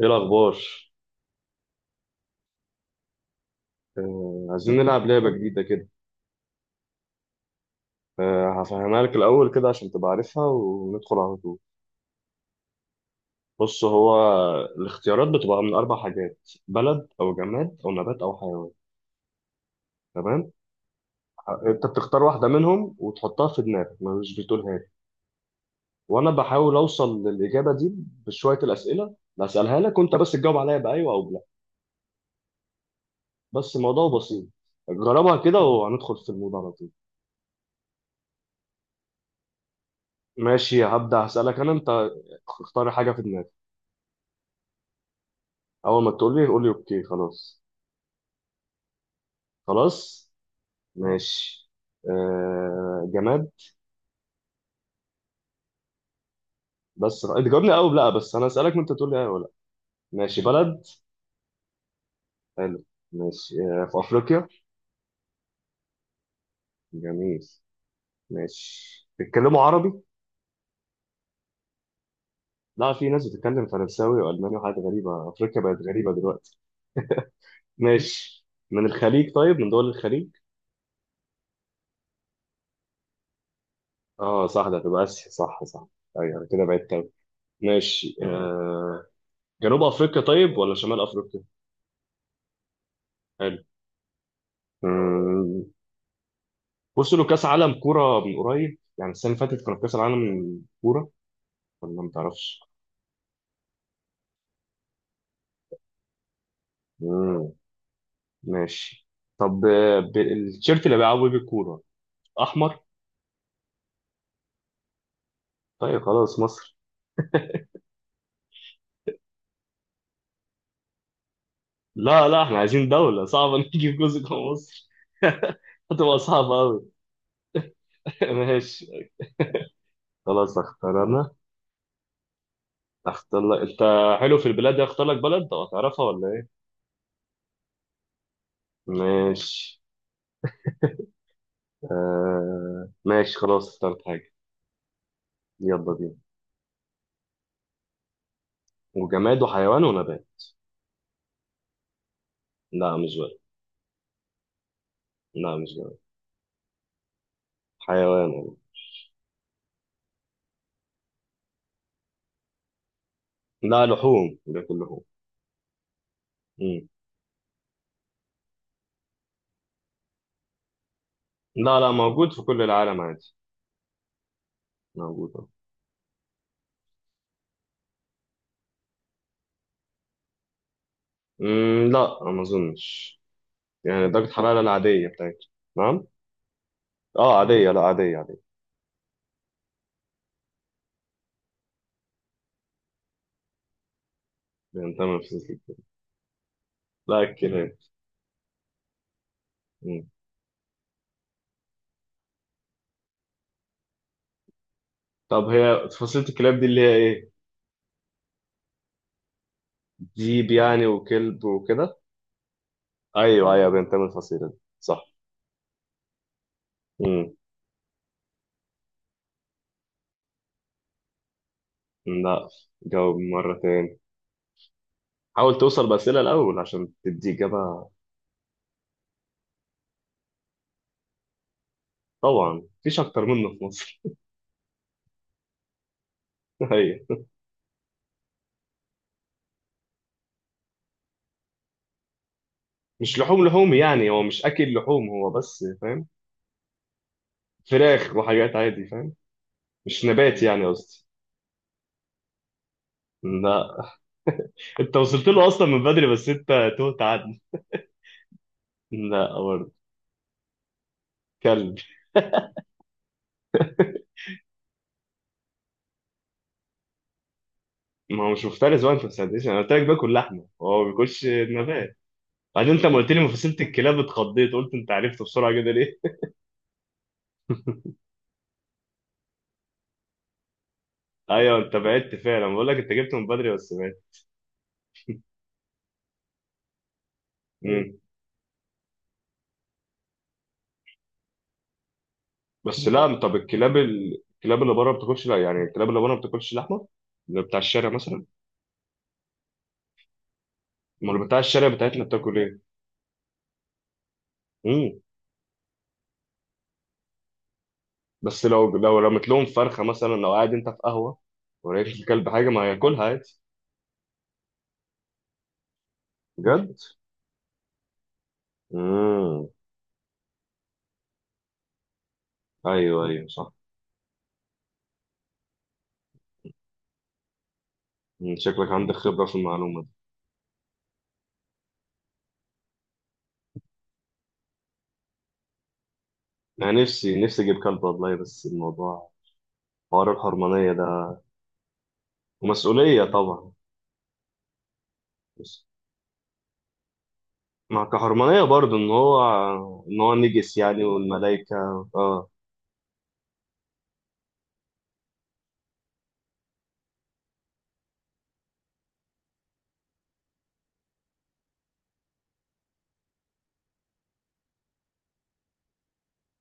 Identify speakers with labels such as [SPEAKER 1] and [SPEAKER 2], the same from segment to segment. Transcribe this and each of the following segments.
[SPEAKER 1] ايه الاخبار؟ عايزين نلعب لعبه جديده كده. هفهمها لك الاول كده عشان تبقى عارفها وندخل على طول. بص، هو الاختيارات بتبقى من اربع حاجات: بلد او جماد او نبات او حيوان. تمام؟ انت بتختار واحده منهم وتحطها في دماغك، ما مش بتقولها لي، وانا بحاول اوصل للاجابه دي بشويه الاسئله بسالها لك، وانت بس تجاوب عليها بايوه او بلا. بس الموضوع بسيط. جربها كده وهندخل في الموضوع على طول. ماشي، هبدا هسالك انا انت. اختار حاجه في دماغك، اول ما تقول لي قول لي اوكي خلاص. خلاص؟ ماشي. جماد؟ بس انت جاوبني اه ولا لا، بس انا اسالك وانت تقول لي اه ولا لا. ماشي، بلد؟ حلو. ماشي، في افريقيا؟ جميل. ماشي، بيتكلموا عربي؟ لا، في ناس بتتكلم فرنساوي والماني وحاجات غريبه، افريقيا بقت غريبه دلوقتي. ماشي، من الخليج؟ طيب، من دول الخليج؟ اه صح، ده هتبقى اسيا، صح صح. ايوه أنا كده بعدت أوي. ماشي. جنوب افريقيا، طيب، ولا شمال افريقيا؟ حلو. آه، بص، له كاس عالم كوره من قريب، يعني السنه اللي فاتت كان كاس العالم كوره، ولا ما تعرفش؟ مم. ماشي. طب، التيشيرت اللي بيلعبوا بيه الكوره احمر؟ طيب، خلاص، مصر؟ لا لا، احنا عايزين دوله صعبه، نجيب جزء جوه مصر. هتبقى صعبه قوي. ماشي. خلاص، اختار انا. اختار لك انت. حلو، في البلاد دي اختار لك بلد، او هتعرفها ولا ايه؟ ماشي. ماشي، خلاص اخترت حاجه. يلا بينا. وجماد وحيوان ونبات. لا، مش بلد. لا، مش بلد. حيوان والله. لا، لحوم، بياكل لحوم. مم. لا لا، موجود في كل العالم عادي. موجود لا ما اظنش. يعني درجة الحرارة العادية بتاعتي. نعم. اه عادية، لا عادية عادية. بينتمي في فصيلة الكلاب. لا، الكلاب. مم. طب، هي فصيلة الكلاب دي اللي هي ايه؟ ديب يعني، وكلب وكده؟ ايوه ايوه، بينتمي الفصيلة دي، صح. مم. لا. جاوب مرة تاني. حاول توصل بأسئلة الأول عشان تدي إجابة. طبعا، مفيش أكتر منه في مصر. ايوه. مش لحوم لحوم يعني، هو مش اكل لحوم هو، بس فاهم. فراخ وحاجات عادي، فاهم. مش نبات يعني، قصدي. لا. انت وصلت له اصلا من بدري، بس انت تهت عني. لا برضه. كلب. ما هو مش مفترس بقى، انت ما ساعدتنيش، انا قلت لك باكل لحمه، هو ما بياكلش نبات. بعدين انت ما قلت لي مفاصيلة الكلاب، اتخضيت قلت انت عرفت بسرعه كده ليه؟ ايوه انت بعدت فعلا، بقول لك انت جبته من بدري بس بعدت. مم. بس لا، طب الكلاب الكلاب اللي بره ما بتاكلش، لا يعني الكلاب اللي بره ما بتاكلش لحمه. اللي بتاع الشارع مثلا. امال بتاع الشارع بتاعتنا بتاكل ايه؟ امم. بس لو رميت لهم فرخه مثلا، لو قاعد انت في قهوه ولقيت الكلب حاجه ما هياكلها عادي. بجد؟ امم. ايوه ايوه صح. مم. شكلك عندك خبره في المعلومه دي. انا نفسي نفسي اجيب كلب والله، بس الموضوع حوار الحرمانيه ده. ومسؤوليه طبعا. بس مع كحرمانيه برضه ان هو نجس يعني، والملائكه. اه.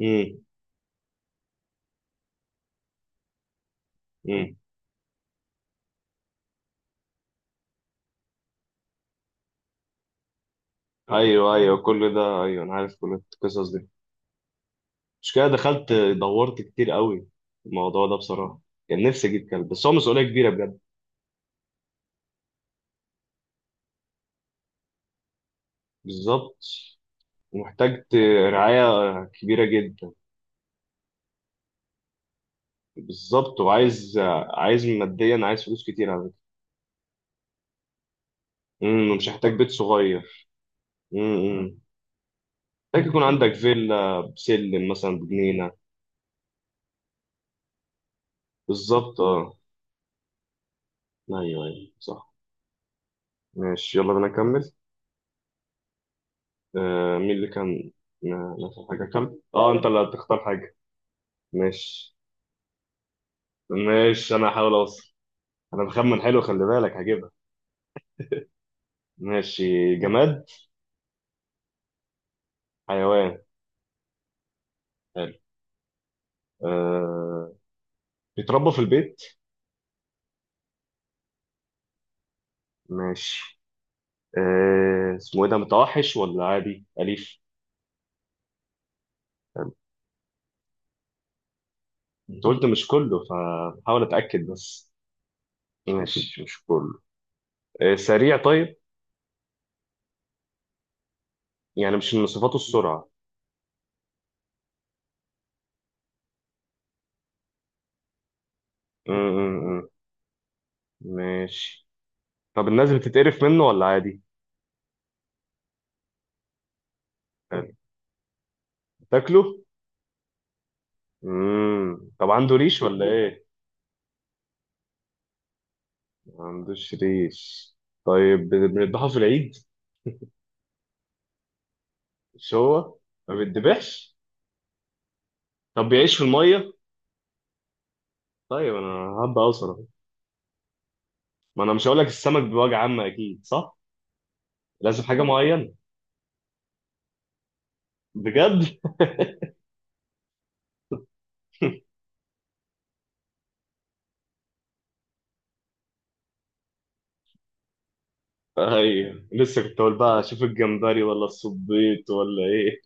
[SPEAKER 1] امم. امم. ايوه ايوه كل ده، ايوه انا عارف كل القصص دي. مش كده، دخلت دورت كتير قوي في الموضوع ده بصراحة. كان نفسي أجيب كلب، بس هو مسؤولية كبيرة بجد. بالظبط. ومحتاج رعاية كبيرة جدا. بالظبط. وعايز ماديا، عايز فلوس كتير على فكرة. ومش هحتاج بيت صغير. أمم. محتاج يكون عندك فيلا بسلم مثلا، بجنينة. بالظبط اه. أيوه أيوه صح. ماشي، يلا بينا نكمل. مين اللي كان، ما في حاجة، كلب اه، أنت اللي هتختار حاجة. ماشي. ماشي، أنا هحاول أوصل. انا بخمن حلو، خلي بالك هجيبها. ماشي، جماد؟ حيوان؟ حلو. أه... بيتربى في البيت؟ ماشي. اسمه ايه ده، متوحش ولا عادي اليف؟ حلو. انت قلت مش كله، فبحاول اتاكد بس. ماشي، مش كله. سريع، طيب؟ يعني مش من صفاته السرعه. م -م -م. ماشي. طب، الناس بتتقرف منه ولا عادي؟ حلو. تاكله؟ مم. طب عنده ريش ولا ايه؟ ما عندوش ريش. طيب، بنذبحه في العيد؟ مش هو. ما بيتذبحش. طب، بيعيش في الميه؟ طيب انا هبقى اوصل اهو. ما انا مش هقول لك السمك بوجه عامه، اكيد صح؟ لازم حاجه معينه. بجد؟ ايوه، لسه كنت اقول بقى اشوف الجمبري ولا الصبيط ولا ايه.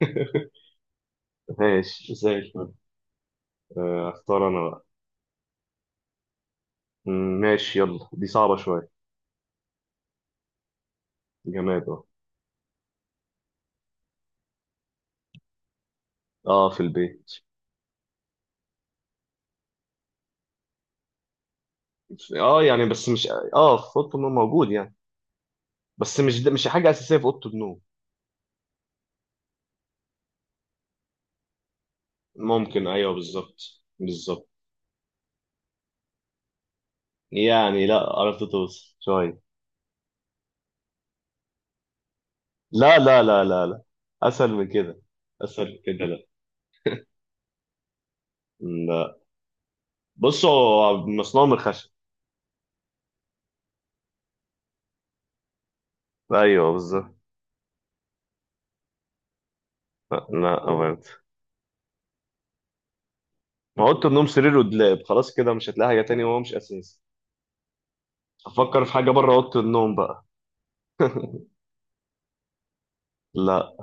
[SPEAKER 1] ماشي زي الفل. اختار انا بقى. ماشي، يلا دي صعبه شويه. جماد اه. اه في البيت. اه يعني بس مش، اه في اوضه النوم موجود يعني، بس مش، ده مش حاجه اساسيه في اوضه النوم. ممكن ايوه بالظبط. بالظبط. يعني لا، عرفت توصل شوية. لا لا لا لا لا. أسهل من كده. أسهل من كده، لا. لا. بص، هو مصنوع من الخشب. أيوه بالظبط. لا لا، أمان. ما أوضة النوم سرير ودولاب، خلاص كده مش هتلاقي حاجة تانية، وهو مش أساسي. أفكر في حاجة بره أوضة النوم بقى. لا.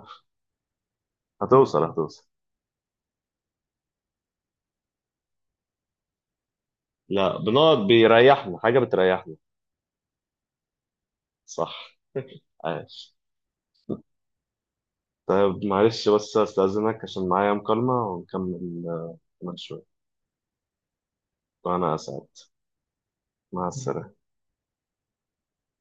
[SPEAKER 1] هتوصل هتوصل. لا، بنقعد بيريحنا، حاجة بتريحنا. صح. عاش. طيب معلش بس، أستأذنك عشان معايا مكالمة ونكمل كمان شوية. وأنا أسعد. مع السلامة.